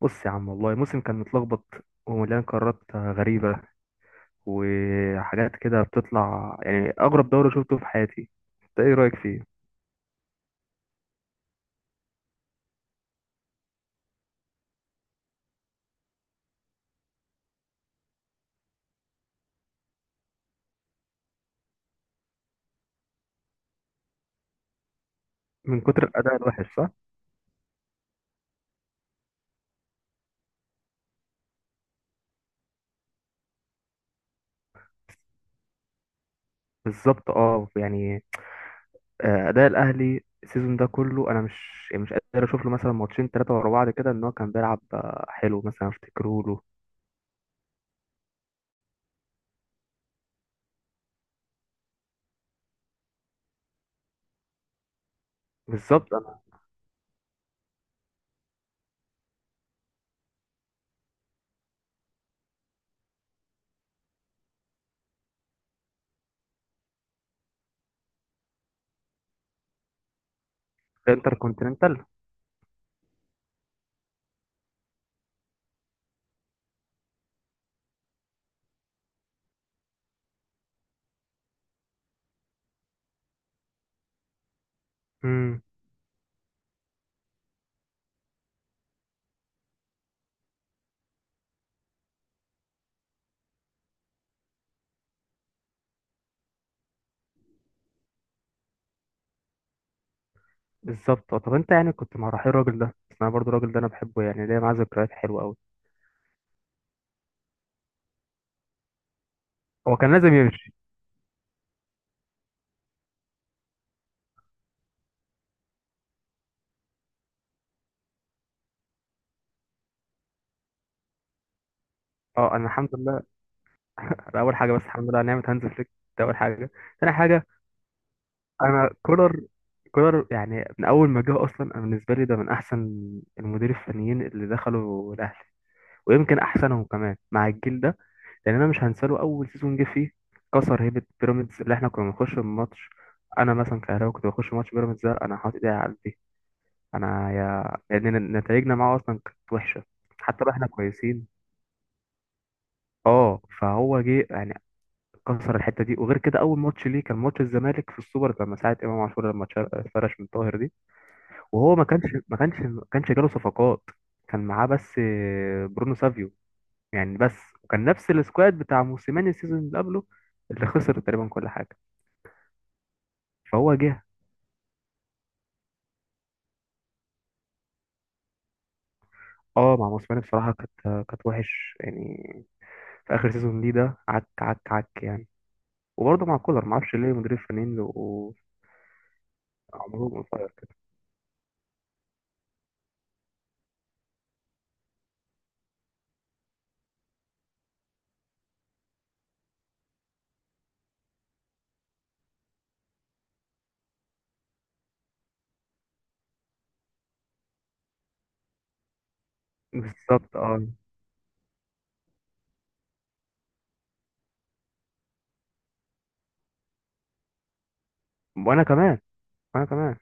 بص يا عم، والله موسم كان متلخبط، ومليان قرارات غريبة، وحاجات كده بتطلع يعني أغرب دوري شفته في حياتي. أنت إيه رأيك فيه؟ من كتر الأداء الوحش صح؟ بالظبط أه يعني. أداء الأهلي السيزون ده كله أنا مش قادر أشوف له مثلا ماتشين تلاتة ورا بعض كده إن هو كان بيلعب حلو مثلا أفتكره له. بالظبط أنا. إنتر كونتيننتال. امم. بالظبط. طب أنت يعني كنت مع رحيل الراجل ده، بس أنا برضو الراجل ده أنا بحبه، يعني ليا معاه ذكريات حلوة أوي. هو كان لازم يمشي. أه، أنا الحمد لله. ده اول حاجه، بس الحمد لله على نعمه هانز فليك. ده اول حاجه. تاني حاجه، انا كولر. كولر يعني من اول ما جه اصلا، انا بالنسبه لي ده من احسن المدير الفنيين اللي دخلوا الاهلي، ويمكن احسنهم كمان مع الجيل ده. لان انا مش هنساله اول سيزون جه فيه، كسر هيبه بيراميدز اللي احنا كنا بنخش الماتش. انا مثلا كهراوي كنت بخش ماتش بيراميدز ده انا حاطط ايدي على قلبي. انا يا لان نتائجنا معاه اصلا كانت وحشه، حتى لو احنا كويسين. اه، فهو جه يعني كسر الحته دي. وغير كده، اول ماتش ليه كان ماتش الزمالك في السوبر لما ساعه امام عاشور لما اتفرش من طاهر دي. وهو ما كانش، ما كانش جاله صفقات. كان معاه بس برونو سافيو يعني بس. وكان نفس السكواد بتاع موسيماني السيزون اللي قبله، اللي خسر تقريبا كل حاجه. فهو جه. اه، مع موسيماني بصراحه كانت وحش يعني، في اخر سيزون ليه ده عك عك عك يعني. وبرضه مع كولر ما اعرفش ليه مدير الفنانين بيبقوا عمرهم قصير كده. بالظبط اه. وانا كمان، انا كمان.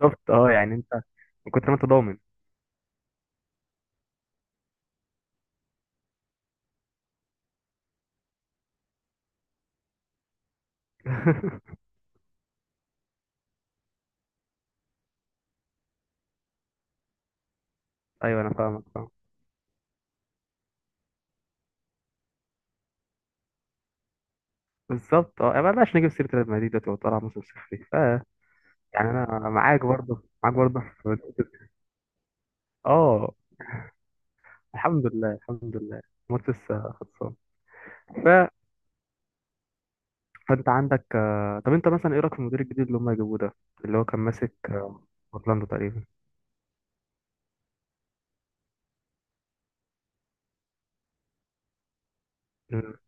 بالظبط اه، يعني انت من كتر ما انت ضامن. ايوه، انا فاهمك فاهم. بالظبط اه، ما بلاش نجيب سيره ريال مدريد دلوقتي وطالع موسم صفري ف. يعني انا معاك برضه، معاك برضه في نقطة-. اه، الحمد لله، الحمد لله. الماتش لسه خلصان ف... فانت عندك. طب انت مثلا ايه رايك في المدير الجديد اللي هم جابوه ده، اللي هو كان ماسك اورلاندو تقريبا. ال-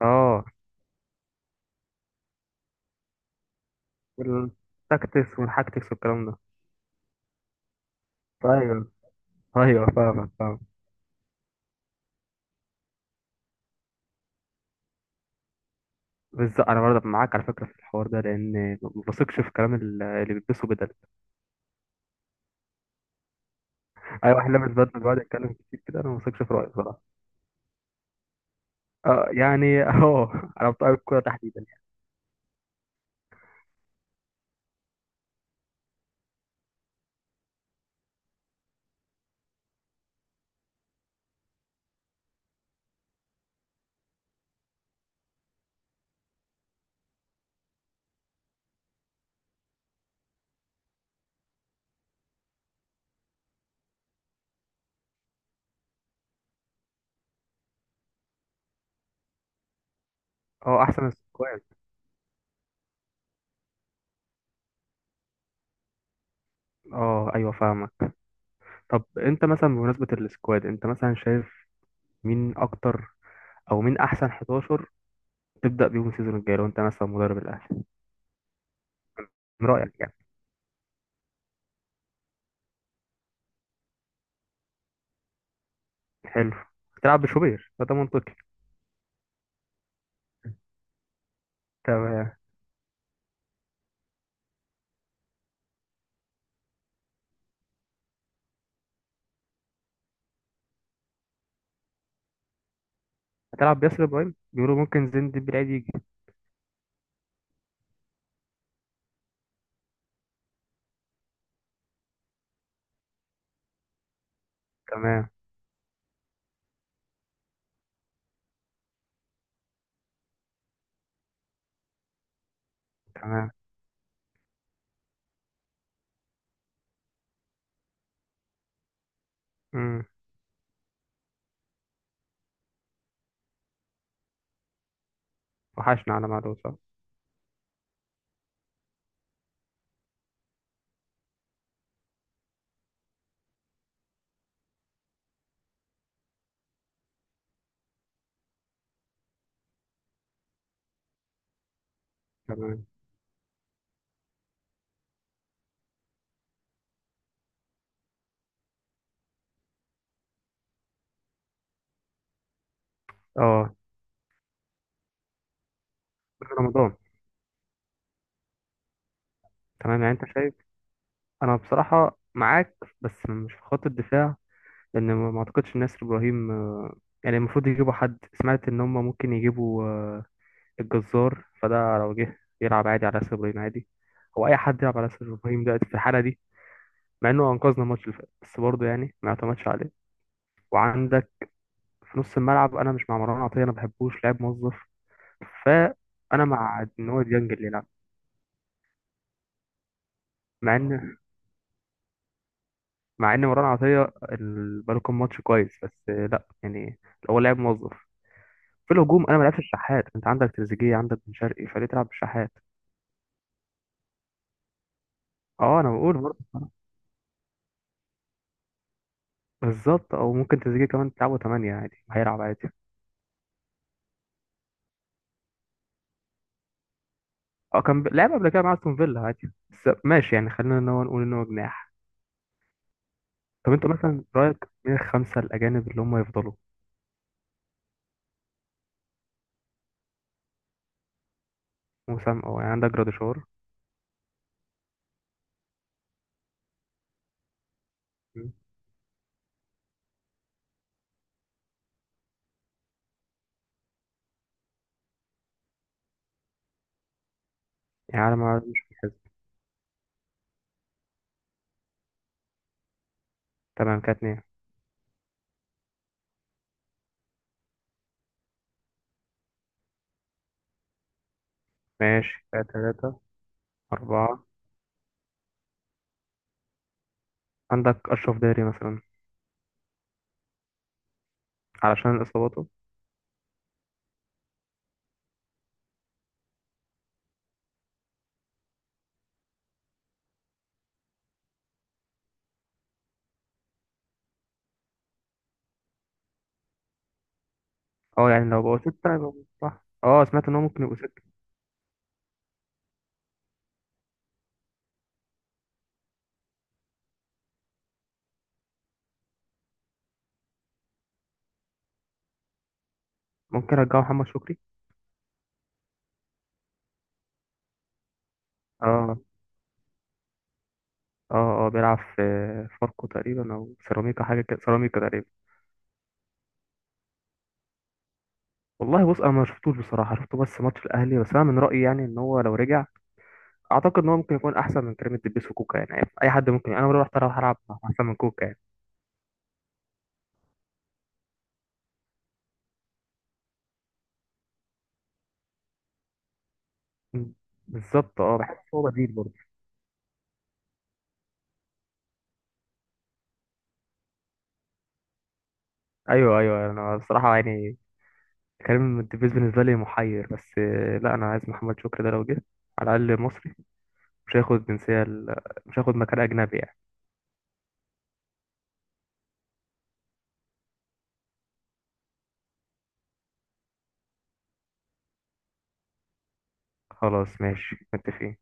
اه، والتاكتكس والحاكتكس والكلام ده. ايوه ايوه فاهمك فاهمك. بالظبط، انا برضه معاك على فكره في الحوار ده، لان ما بثقش في كلام اللي بيلبسه بدل. اي واحد لابس بدل بيقعد يتكلم كتير كده انا ما بثقش في رايه بصراحه. اه يعني اه، على بتوع الكوره تحديدا يعني. اه، احسن من السكواد. اه ايوه فاهمك. طب انت مثلا بمناسبه السكواد، انت مثلا شايف مين اكتر، او مين احسن 11 تبدا بيهم السيزون الجاي، لو انت مثلا مدرب الاهلي؟ من رايك يعني. حلو. تلعب بشوبير فده منطقي. تمام. هتلعب بياسر ابراهيم؟ بيقولوا ممكن زين الدين بالعيد يجي. تمام. تمام. مم. وحشنا على ميعاد صح. تمام. اه رمضان. تمام، يعني انت شايف. انا بصراحة معاك، بس مش في خط الدفاع، لان ما اعتقدش إن ناسر ابراهيم، يعني المفروض يجيبوا حد. سمعت ان هم ممكن يجيبوا الجزار، فده لو جه يلعب عادي على ناسر ابراهيم عادي. هو اي حد يلعب على ناسر ابراهيم دلوقتي في الحالة دي، مع انه انقذنا الماتش اللي فات، بس برضه يعني ما اعتمدش عليه. وعندك في نص الملعب، انا مش مع مروان عطية، انا ما بحبوش لاعب موظف، فانا مع ان هو ديانج اللي يلعب. مع ان مع ان مروان عطيه بقاله كام ماتش كويس، بس لا يعني، هو لاعب موظف. في الهجوم، انا ما لعبش الشحات، انت عندك تريزيجيه، عندك بن شرقي، فليه تلعب بالشحات؟ اه، انا بقول برضه. بالظبط، او ممكن تريزيجيه كمان تلعبه 8 عادي، هيلعب عادي. اه كان لعب قبل كده مع استون فيلا عادي، بس ماشي يعني خلينا ان هو نقول ان هو جناح. طب انت مثلا رايك مين الخمسه الاجانب اللي هم يفضلوا؟ وسام، او يعني عندك جراديشار. مم. يعني على ما مش بيتحسب. تمام كده اتنين. ماشي كده تلاته. اربعه. عندك اشرف داري مثلا، علشان اصاباته. اه يعني لو بقوا ستة يبقوا صح. اه سمعت ان هو ممكن يبقوا ستة. ممكن رجعوا محمد شكري. اه اه اه، بيلعب في فاركو تقريبا او سيراميكا، حاجة كده، سيراميكا تقريبا. والله بص انا ما شفتوش بصراحة، شفته بس ماتش الاهلي، بس انا من رأيي يعني ان هو لو رجع اعتقد ان هو ممكن يكون احسن من كريم الدبيس وكوكا. يعني اي حد ممكن، انا لو رحت أروح العب احسن من كوكا يعني. مم. بالظبط اه، بحس هو بديل برضه. ايوه ايوه، انا بصراحة يعني كريم الدبيس بالنسبة لي محير، بس لا، انا عايز محمد شكري ده لو جه. على الاقل مصري، مش هياخد جنسية مش هياخد مكان أجنبي يعني. خلاص ماشي متفقين.